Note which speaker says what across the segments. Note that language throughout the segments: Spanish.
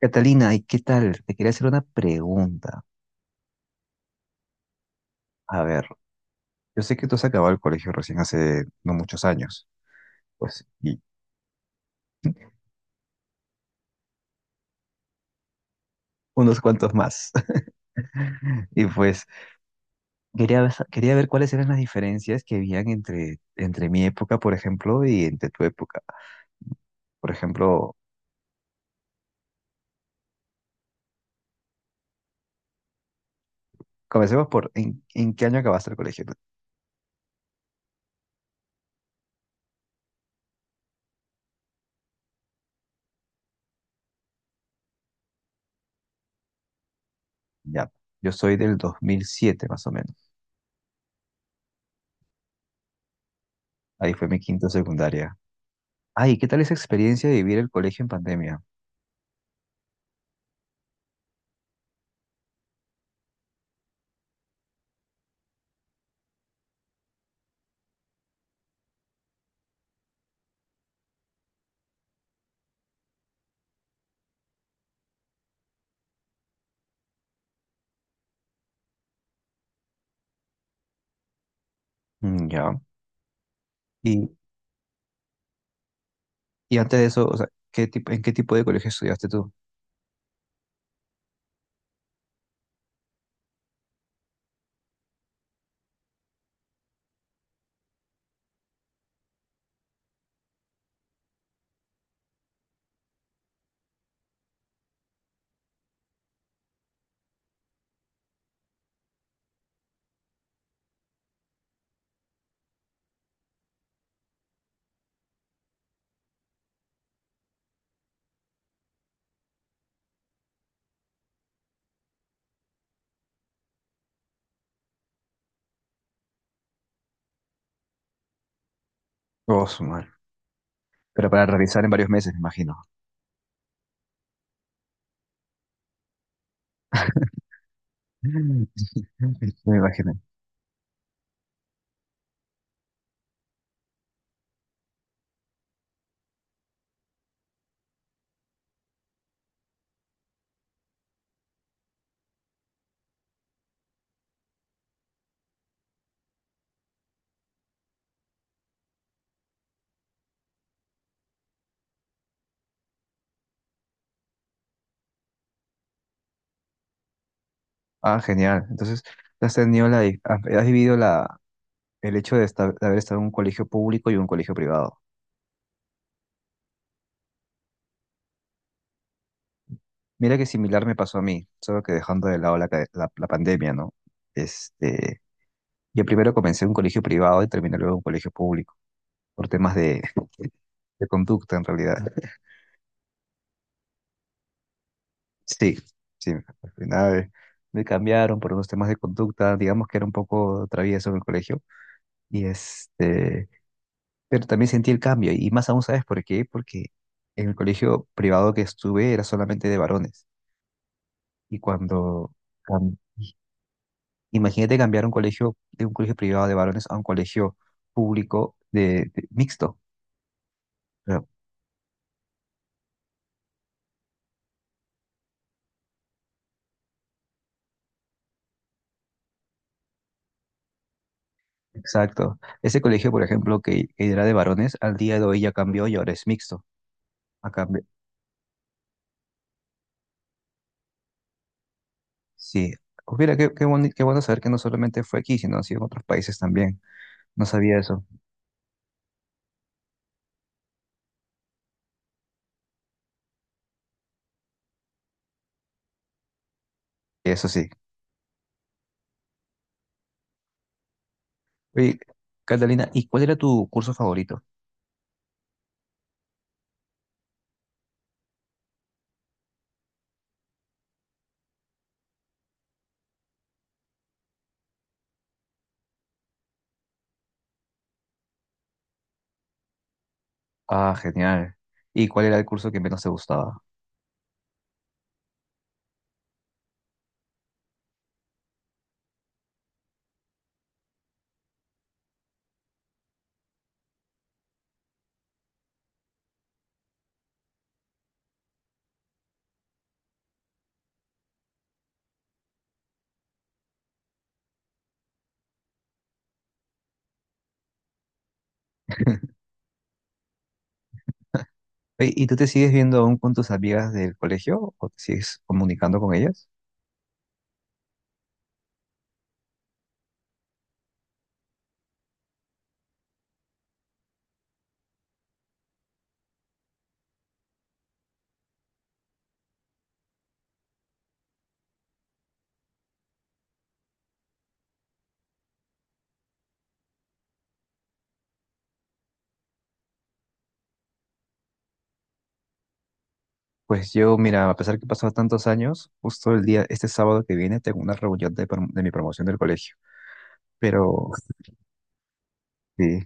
Speaker 1: Catalina, ¿y qué tal? Te quería hacer una pregunta. A ver, yo sé que tú has acabado el colegio recién hace no muchos años, pues, y unos cuantos más. Y pues, quería ver cuáles eran las diferencias que habían entre mi época, por ejemplo, y entre tu época. Por ejemplo, comencemos por, ¿en qué año acabaste el colegio tú? Ya, yo soy del 2007, más o menos. Ahí fue mi quinto secundaria. Ay, ¿qué tal esa experiencia de vivir el colegio en pandemia? Mm, ya. Y antes de eso, o sea, en qué tipo de colegio estudiaste tú? Oh, su madre. Pero para realizar en varios meses, me imagino. Mm. Me imagino. Ah, genial. Entonces, has vivido el hecho de, de haber estado en un colegio público y un colegio privado. Mira que similar me pasó a mí, solo que dejando de lado la pandemia, ¿no? Este, yo primero comencé en un colegio privado y terminé luego en un colegio público, por temas de conducta en realidad. Sí, sí, al final me cambiaron por unos temas de conducta, digamos que era un poco travieso en el colegio, y este, pero también sentí el cambio, y más aún, ¿sabes por qué? Porque en el colegio privado que estuve era solamente de varones, y cuando, cam- imagínate cambiar un colegio, de un colegio privado de varones a un colegio público de, mixto. Claro. Exacto. Ese colegio, por ejemplo, que era de varones, al día de hoy ya cambió y ahora es mixto. Sí. Pues mira, qué bueno saber que no solamente fue aquí, sino así en otros países también. No sabía eso. Eso sí. Oye, Catalina, ¿y cuál era tu curso favorito? Ah, genial. ¿Y cuál era el curso que menos te gustaba? Oye, ¿y tú te sigues viendo aún con tus amigas del colegio o te sigues comunicando con ellas? Pues yo, mira, a pesar que pasaron tantos años, justo el día, este sábado que viene, tengo una reunión de, de mi promoción del colegio. Pero sí,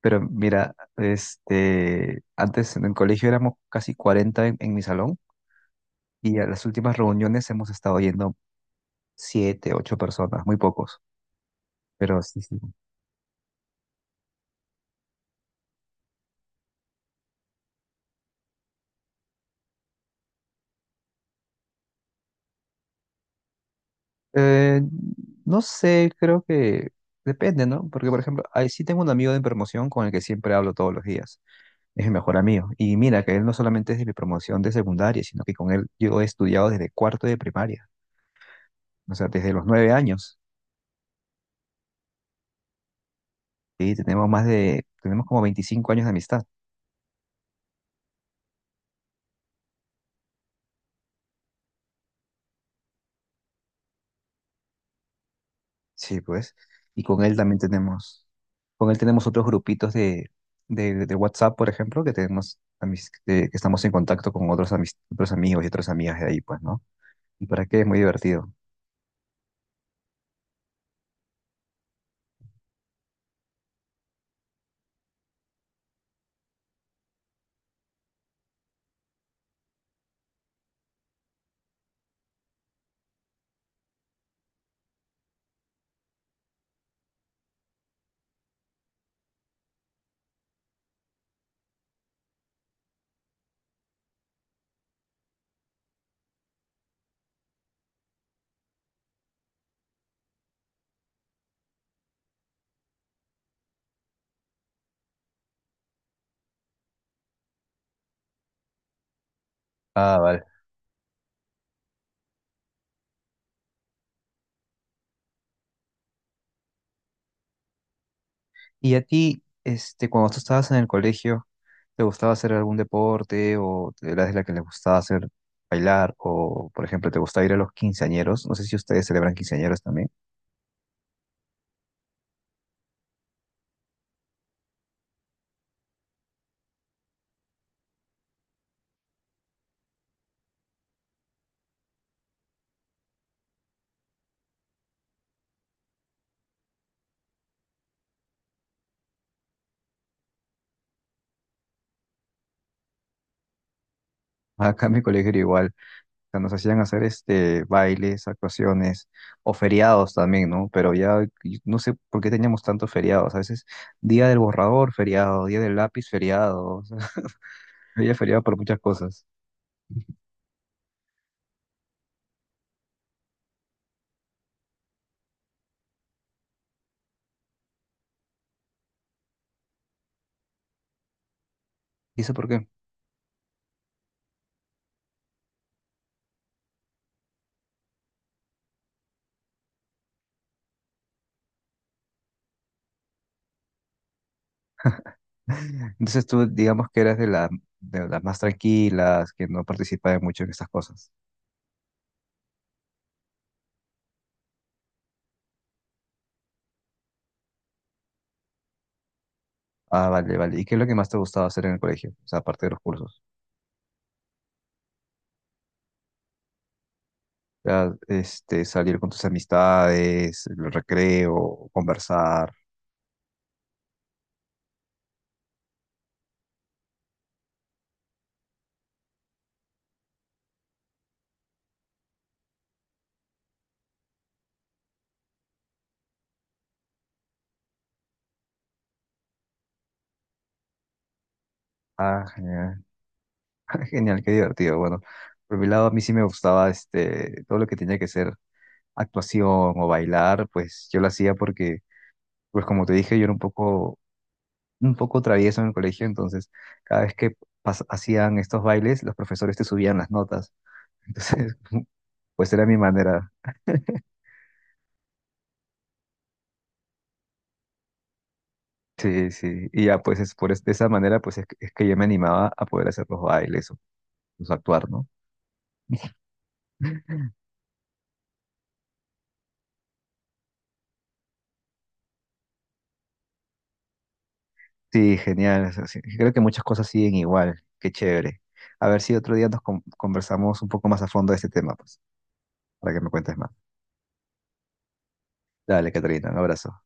Speaker 1: pero mira, este, antes en el colegio éramos casi 40 en mi salón y a las últimas reuniones hemos estado yendo 7 u 8 personas, muy pocos. Pero sí, sí. Eh, no sé, creo que depende, ¿no? Porque, por ejemplo, ahí sí tengo un amigo de promoción con el que siempre hablo todos los días. Es mi mejor amigo. Y mira, que él no solamente es de mi promoción de secundaria, sino que con él yo he estudiado desde cuarto de primaria, o sea, desde los 9 años. Y tenemos más de, tenemos como 25 años de amistad. Sí, pues. Y con él también tenemos, con él tenemos otros grupitos de WhatsApp, por ejemplo, que tenemos que estamos en contacto con otros, otros amigos y otras amigas de ahí, pues, ¿no? ¿Y para qué? Es muy divertido. Ah, vale. Y a ti, este, cuando tú estabas en el colegio, ¿te gustaba hacer algún deporte o eras de la que le gustaba hacer bailar o, por ejemplo, te gustaba ir a los quinceañeros? No sé si ustedes celebran quinceañeros también. Acá en mi colegio era igual. Sea, nos hacían hacer este bailes, actuaciones o feriados también, ¿no? Pero ya no sé por qué teníamos tantos feriados. A veces día del borrador, feriado, día del lápiz, feriado. O sea, había feriado por muchas cosas. ¿Y eso por qué? Entonces tú, digamos que eras de de las más tranquilas, que no participabas mucho en estas cosas. Ah, vale, vale. ¿Y qué es lo que más te gustaba hacer en el colegio? O sea, aparte de los cursos. O sea, este, salir con tus amistades, el recreo, conversar. Ah, genial. Genial, qué divertido. Bueno, por mi lado a mí sí me gustaba este todo lo que tenía que ser actuación o bailar, pues yo lo hacía porque, pues como te dije, yo era un poco travieso en el colegio, entonces cada vez que hacían estos bailes, los profesores te subían las notas. Entonces, pues era mi manera. Sí, sí. Y ya pues es por de esa manera, es que yo me animaba a poder hacer los bailes o, pues, actuar, ¿no? Sí, genial. O sea, sí, creo que muchas cosas siguen igual. Qué chévere. A ver si otro día nos conversamos un poco más a fondo de este tema, pues, para que me cuentes más. Dale, Caterina, un abrazo.